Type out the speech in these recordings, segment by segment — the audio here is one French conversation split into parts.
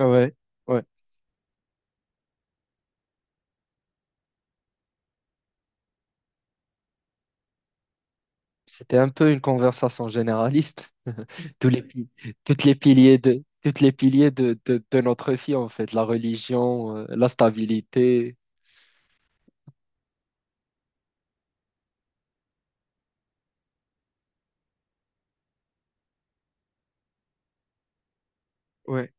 Ouais, ouais. C'était un peu une conversation généraliste. Tous les, pi- toutes les piliers de, toutes les piliers de notre vie, en fait. La religion, la stabilité. Ouais,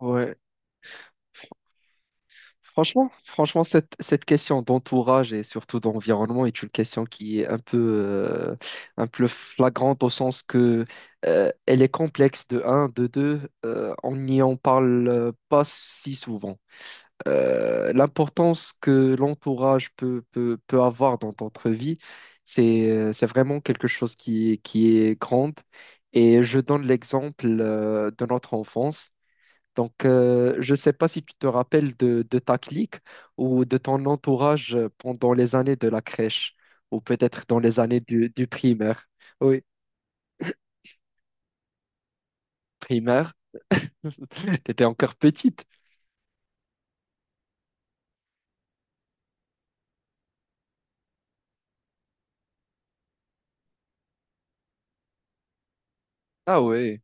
ouais. Franchement, cette question d'entourage et surtout d'environnement est une question qui est un peu flagrante au sens que elle est complexe de un, de deux, on n'y en parle pas si souvent. L'importance que l'entourage peut avoir dans notre vie, c'est vraiment quelque chose qui est grande. Et je donne l'exemple de notre enfance. Donc, je ne sais pas si tu te rappelles de ta clique ou de ton entourage pendant les années de la crèche ou peut-être dans les années du primaire. Oui, primaire, tu étais encore petite. Ah oui.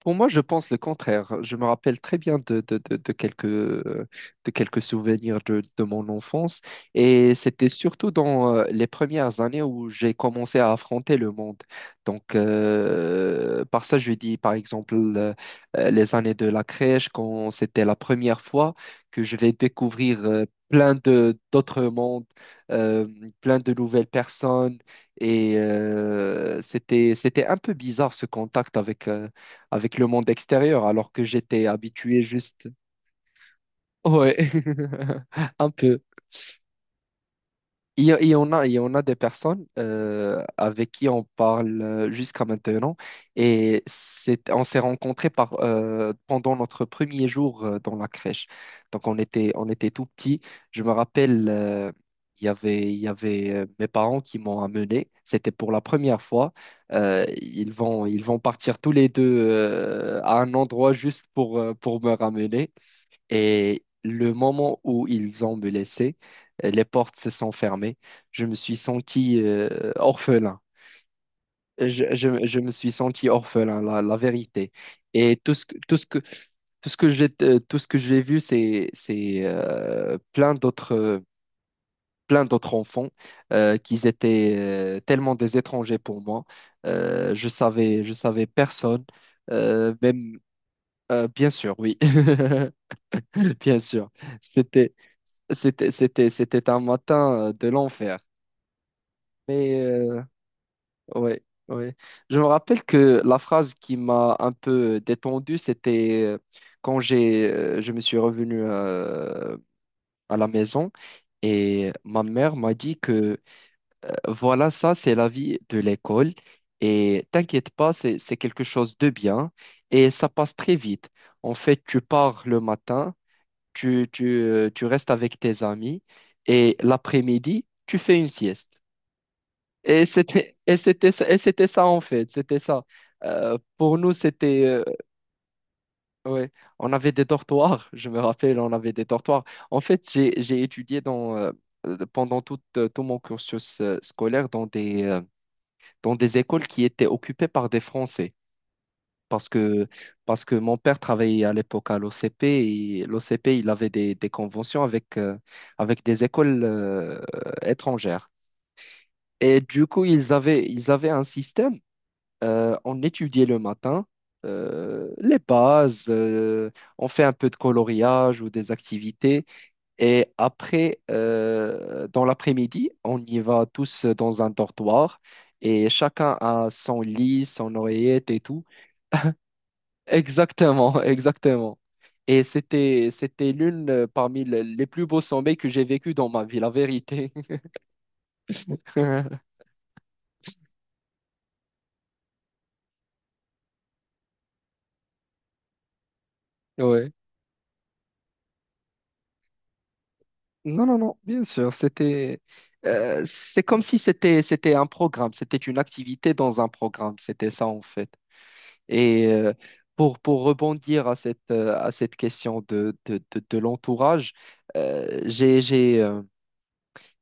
Pour moi, je pense le contraire. Je me rappelle très bien de quelques, de quelques souvenirs de mon enfance. Et c'était surtout dans les premières années où j'ai commencé à affronter le monde. Donc, par ça, je dis par exemple les années de la crèche, quand c'était la première fois que je vais découvrir plein de d'autres mondes, euh, plein de nouvelles personnes. Et c'était un peu bizarre ce contact avec, avec le monde extérieur, alors que j'étais habitué juste, ouais, un peu. Il y a- il y en a, il y en a des personnes avec qui on parle jusqu'à maintenant et on s'est rencontrés par, pendant notre premier jour dans la crèche. Donc on était tout petits. Je me rappelle, il y avait mes parents qui m'ont amené. C'était pour la première fois. Ils vont partir tous les deux à un endroit juste pour me ramener. Et le moment où ils ont me laissé, les portes se sont fermées. Je me suis senti orphelin. Je me suis senti orphelin, la vérité. Et tout ce que, tout ce que, tout ce que j'ai, tout ce que j'ai vu, c'est plein d'autres enfants qui étaient tellement des étrangers pour moi. Je savais personne. Euh, même, bien sûr, oui. Bien sûr, c'était c'était un matin de l'enfer. Mais ouais, ouais. Je me rappelle que la phrase qui m'a un peu détendu, c'était quand j'ai je me suis revenu à la maison et ma mère m'a dit que voilà, ça c'est la vie de l'école et t'inquiète pas, c'est quelque chose de bien et ça passe très vite. En fait, tu pars le matin. Tu restes avec tes amis et l'après-midi, tu fais une sieste. Et c'était ça en fait, c'était ça. Pour nous, c'était ouais, on avait des dortoirs, je me rappelle, on avait des dortoirs. En fait, j'ai étudié pendant tout mon cursus scolaire dans des écoles qui étaient occupées par des Français. parce que, parce que mon père travaillait à l'époque à l'OCP et l'OCP, il avait des conventions avec, avec des écoles étrangères. Et du coup, ils avaient un système. On étudiait le matin les bases, on fait un peu de coloriage ou des activités. Et après, dans l'après-midi, on y va tous dans un dortoir et chacun a son lit, son oreillette et tout. Exactement, exactement. Et c'était l'une parmi les plus beaux sommets que j'ai vécu dans ma vie, la vérité. Ouais. Non, non, non, bien sûr. C'est comme si c'était un programme, c'était une activité dans un programme. C'était ça, en fait. Et pour rebondir à cette question de l'entourage, euh, j'ai, j'ai, euh,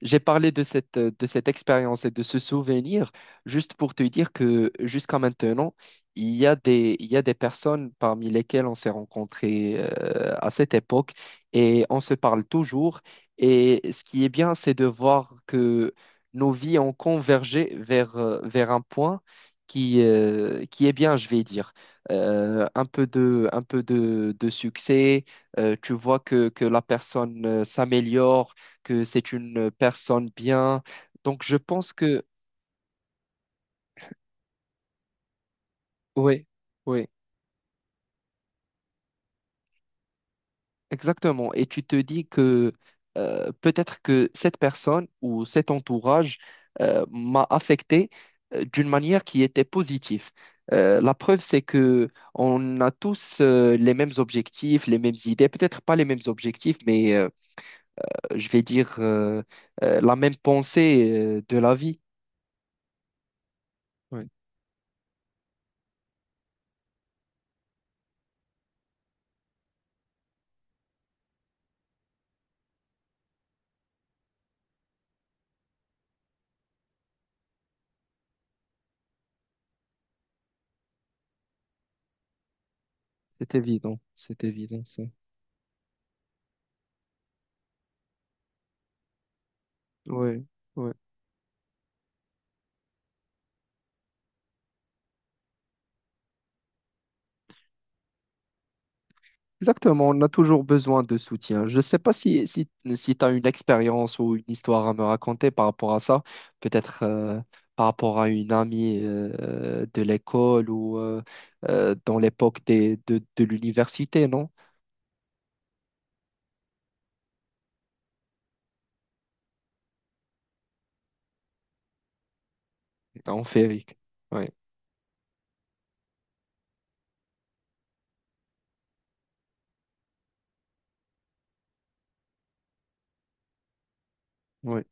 j'ai parlé de cette expérience et de ce souvenir juste pour te dire que jusqu'à maintenant, il y a des personnes parmi lesquelles on s'est rencontrés à cette époque et on se parle toujours. Et ce qui est bien, c'est de voir que nos vies ont convergé vers, vers un point qui est bien, je vais dire. Un peu de succès, tu vois que la personne s'améliore que c'est une personne bien. Donc, je pense que, oui, oui, exactement. Et tu te dis que peut-être que cette personne ou cet entourage m'a affecté d'une manière qui était positive. La preuve, c'est que on a tous les mêmes objectifs, les mêmes idées, peut-être pas les mêmes objectifs, mais je vais dire la même pensée de la vie. Oui, c'est évident, ça. Oui, exactement, on a toujours besoin de soutien. Je ne sais pas si tu as une expérience ou une histoire à me raconter par rapport à ça, peut-être par rapport à une amie de l'école ou dans l'époque de l'université, non? En féerique. Oui, oui.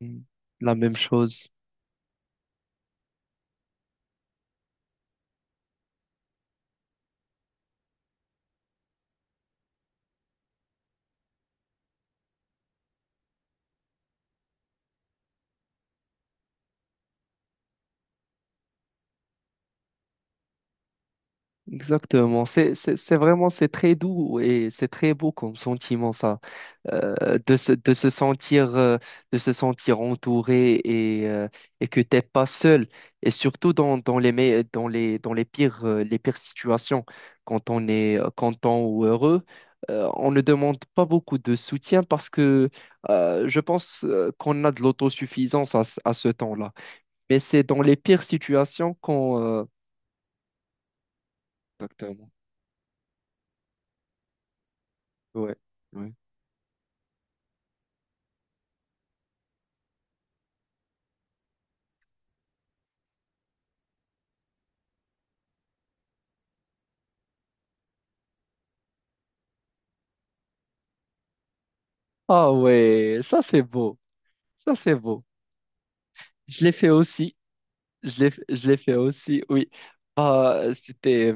Mm. La même chose. Exactement. C'est vraiment, c'est très doux et c'est très beau comme sentiment, ça. De se sentir, de se sentir entouré et que t'es pas seul. Et surtout dans les pires situations, quand on est content ou heureux, on ne demande pas beaucoup de soutien parce que je pense qu'on a de l'autosuffisance à, à ce temps-là. Mais c'est dans les pires situations qu'on... Exactement. Ouais. Ouais. Ah ouais, ça c'est beau. Ça c'est beau. Je l'ai fait aussi. Je l'ai fait aussi, oui. Ah,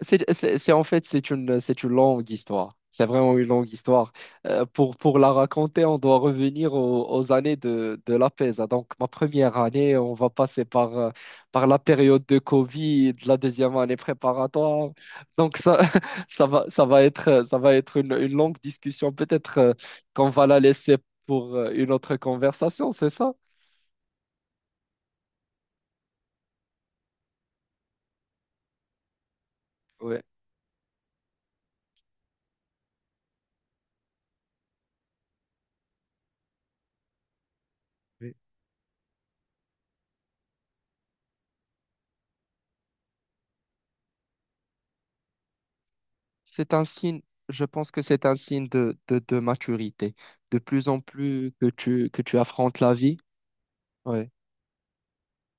en fait, c'est une longue histoire. C'est vraiment une longue histoire. Pour la raconter, on doit revenir aux années de la PESA. Donc, ma première année, on va passer par, par la période de Covid, la deuxième année préparatoire. Donc, ça, ça va être une longue discussion. Peut-être, qu'on va la laisser pour, une autre conversation, c'est ça? Oui. C'est un signe, je pense que c'est un signe de maturité. De plus en plus que que tu affrontes la vie, ouais.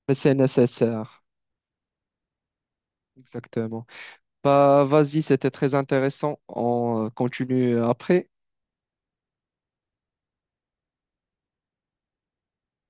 Mais c'est nécessaire, exactement. Bah, vas-y, c'était très intéressant. On continue après.